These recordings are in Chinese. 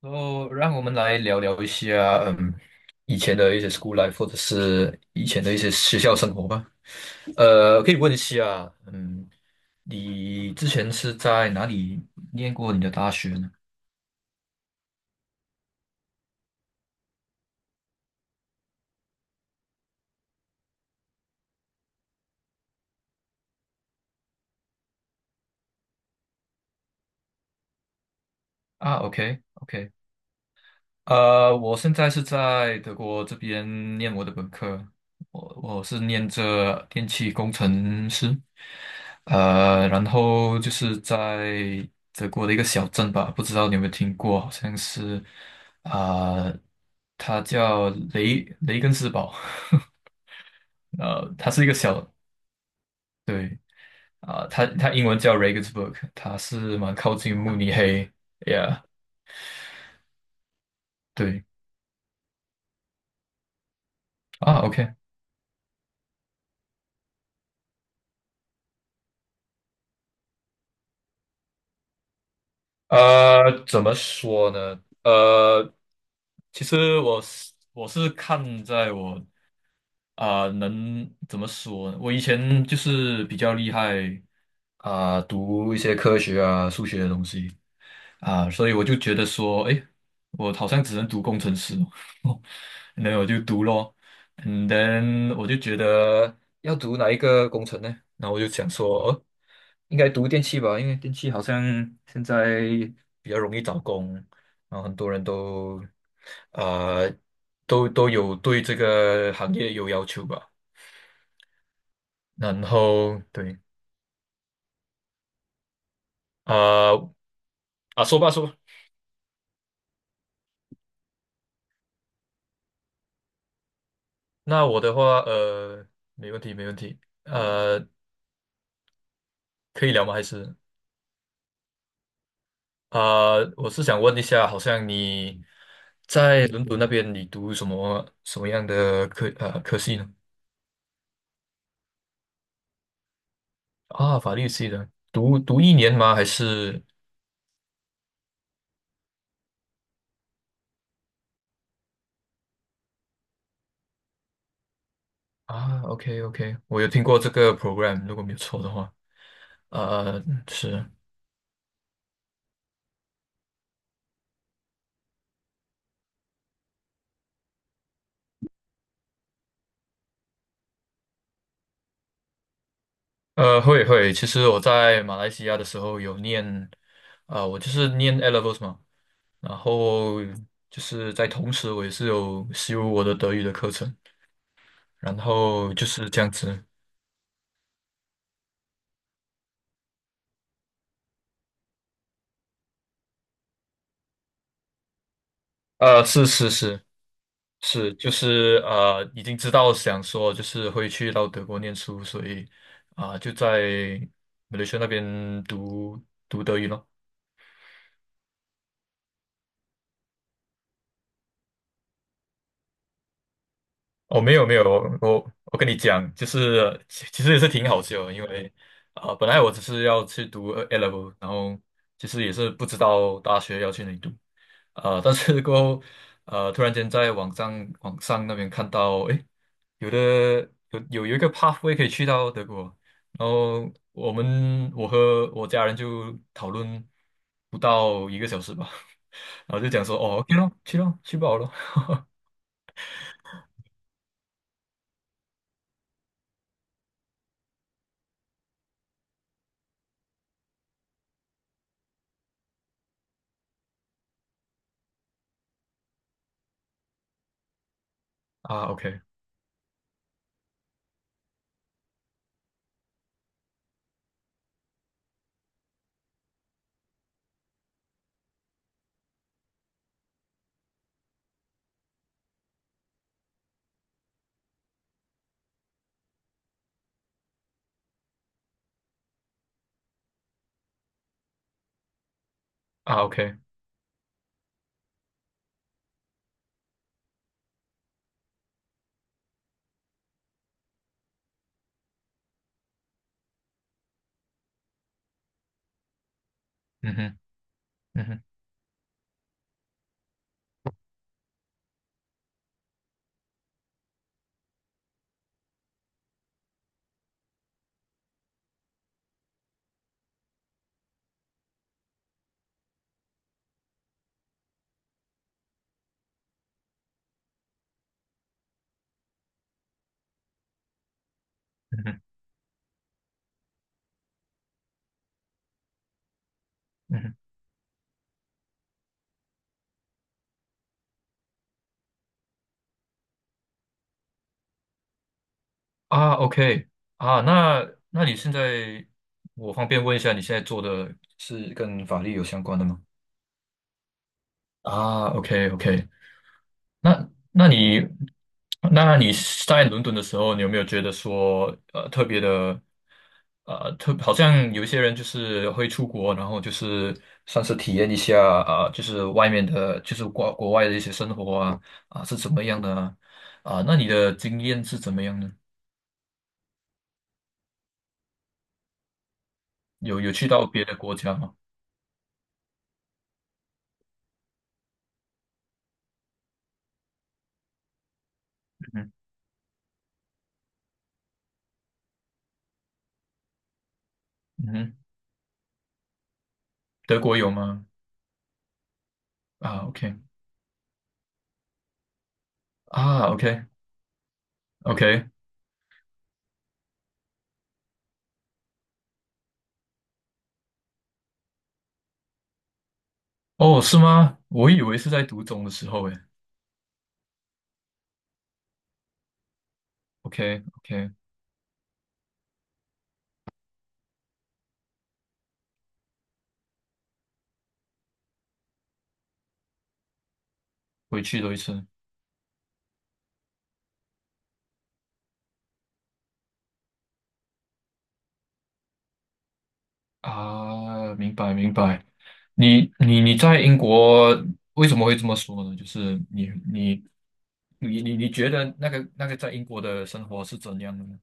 然后，让我们来聊一下，以前的一些 school life，或者是以前的一些学校生活吧。可以问一下，你之前是在哪里念过你的大学呢？啊，OK，OK。我现在是在德国这边念我的本科，我是念着电气工程师。然后就是在德国的一个小镇吧，不知道你有没有听过，好像是啊、呃它叫雷根斯堡，呃，它是一个小，对，它英文叫 Regensburg，它是蛮靠近慕尼黑，yeah，对，啊，OK。怎么说呢？其实我是看在我，能怎么说呢？我以前就是比较厉害，读一些科学啊、数学的东西，所以我就觉得说，诶，我好像只能读工程师哦。那我就读咯，and then 我就觉得要读哪一个工程呢？然后我就想说，哦，应该读电器吧，因为电器好像现在比较容易找工，然后很多人都，呃都有对这个行业有要求吧。然后对。啊、啊，说吧说吧。那我的话，没问题没问题。可以聊吗？还是我是想问一下，好像你在伦敦那边，你读什么什么样的科系呢？啊，法律系的，读一年吗？还是？啊，OK OK，我有听过这个 program，如果没有错的话。呃，呃是。会会，其实我在马来西亚的时候有念，我就是念 e levels 嘛，然后就是在同时我也是有修我的德语的课程，然后就是这样子。是是，就是已经知道想说就是会去到德国念书，所以就在马来西亚那边读德语咯。哦，没有没有，我跟你讲，就是其实也是挺好笑的，因为本来我只是要去读 A level，然后其实也是不知道大学要去哪里读。但是过后突然间在网上那边看到，诶，有的有一个 pathway 可以去到德国，然后我和我家人就讨论不到一个小时吧，然后就讲说，哦，OK 咯，去咯，去不好咯。啊，OK。啊，OK。嗯哼。嗯哼。嗯哼。嗯哼。啊，OK。啊，那那你现在，我方便问一下，你现在做的是跟法律有相关的吗？啊，OK，OK。那你那你在伦敦的时候，你有没有觉得说，特别的，好像有一些人就是会出国，然后就是算是体验一下，就是外面的，就是国外的一些生活啊，啊，是怎么样的啊？啊，那你的经验是怎么样呢？有有去到别的国家吗？嗯。嗯哼。德国有吗？啊，OK。 啊，OK OK。哦，是吗？我以为是在读中的时候诶。OK OK。回去多一次。啊，明白明白。你在英国为什么会这么说呢？就是你你觉得那个那个在英国的生活是怎样的呢？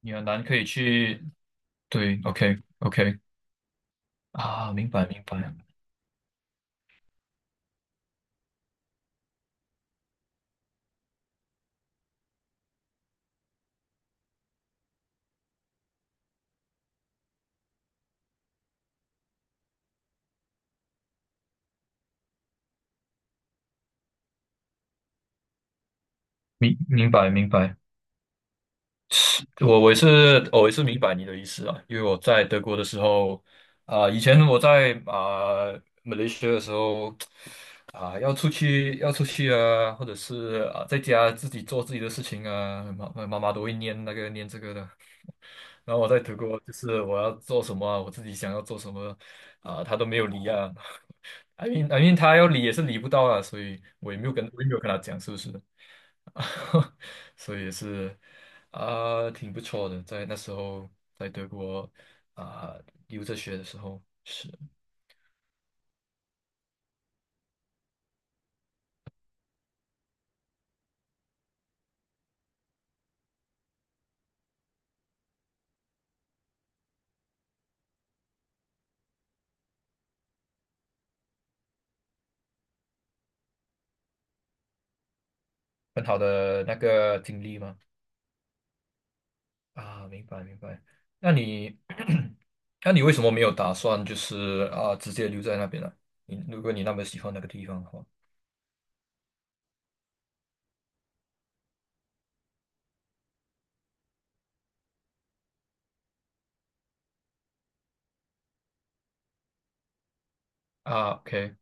你很难可以去对，OK OK。 啊，明白明白。明明白明白。我我也是哦我也是明白你的意思啊。因为我在德国的时候，以前我在马来西亚的时候，要出去要出去啊，或者是在家自己做自己的事情啊，妈妈妈都会念那个念这个的。然后我在德国就是我要做什么啊，我自己想要做什么，他都没有理啊。I mean I mean 他要理也是理不到啊，所以我也没有跟我也没有跟他讲，是不是？所以也是挺不错的。在那时候，在德国啊、留着学的时候，是很好的那个经历嘛。啊，明白明白。那你，那你为什么没有打算就是直接留在那边呢？你如果你那么喜欢那个地方的话。啊，OK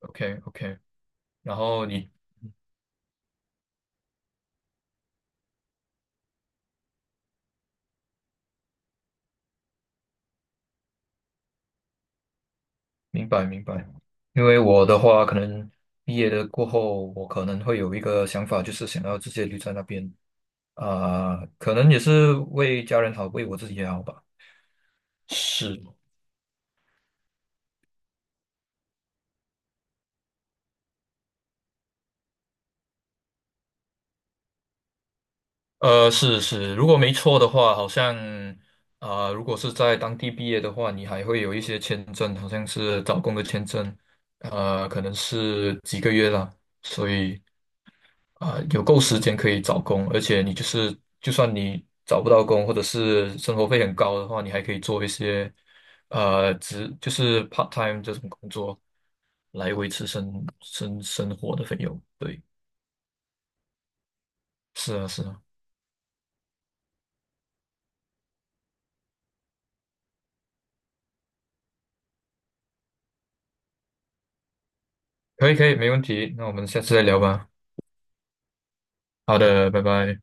OK OK。然后你明白明白。因为我的话可能毕业的过后，我可能会有一个想法，就是想要直接留在那边。啊，可能也是为家人好，为我自己也好吧。是。是是，如果没错的话，好像如果是在当地毕业的话，你还会有一些签证，好像是找工的签证。可能是几个月啦，所以有够时间可以找工，而且你就是就算你找不到工，或者是生活费很高的话，你还可以做一些，就是 part time 这种工作，来维持生活的费用。对。是啊，是啊。可以可以，没问题。那我们下次再聊吧。好的，拜拜。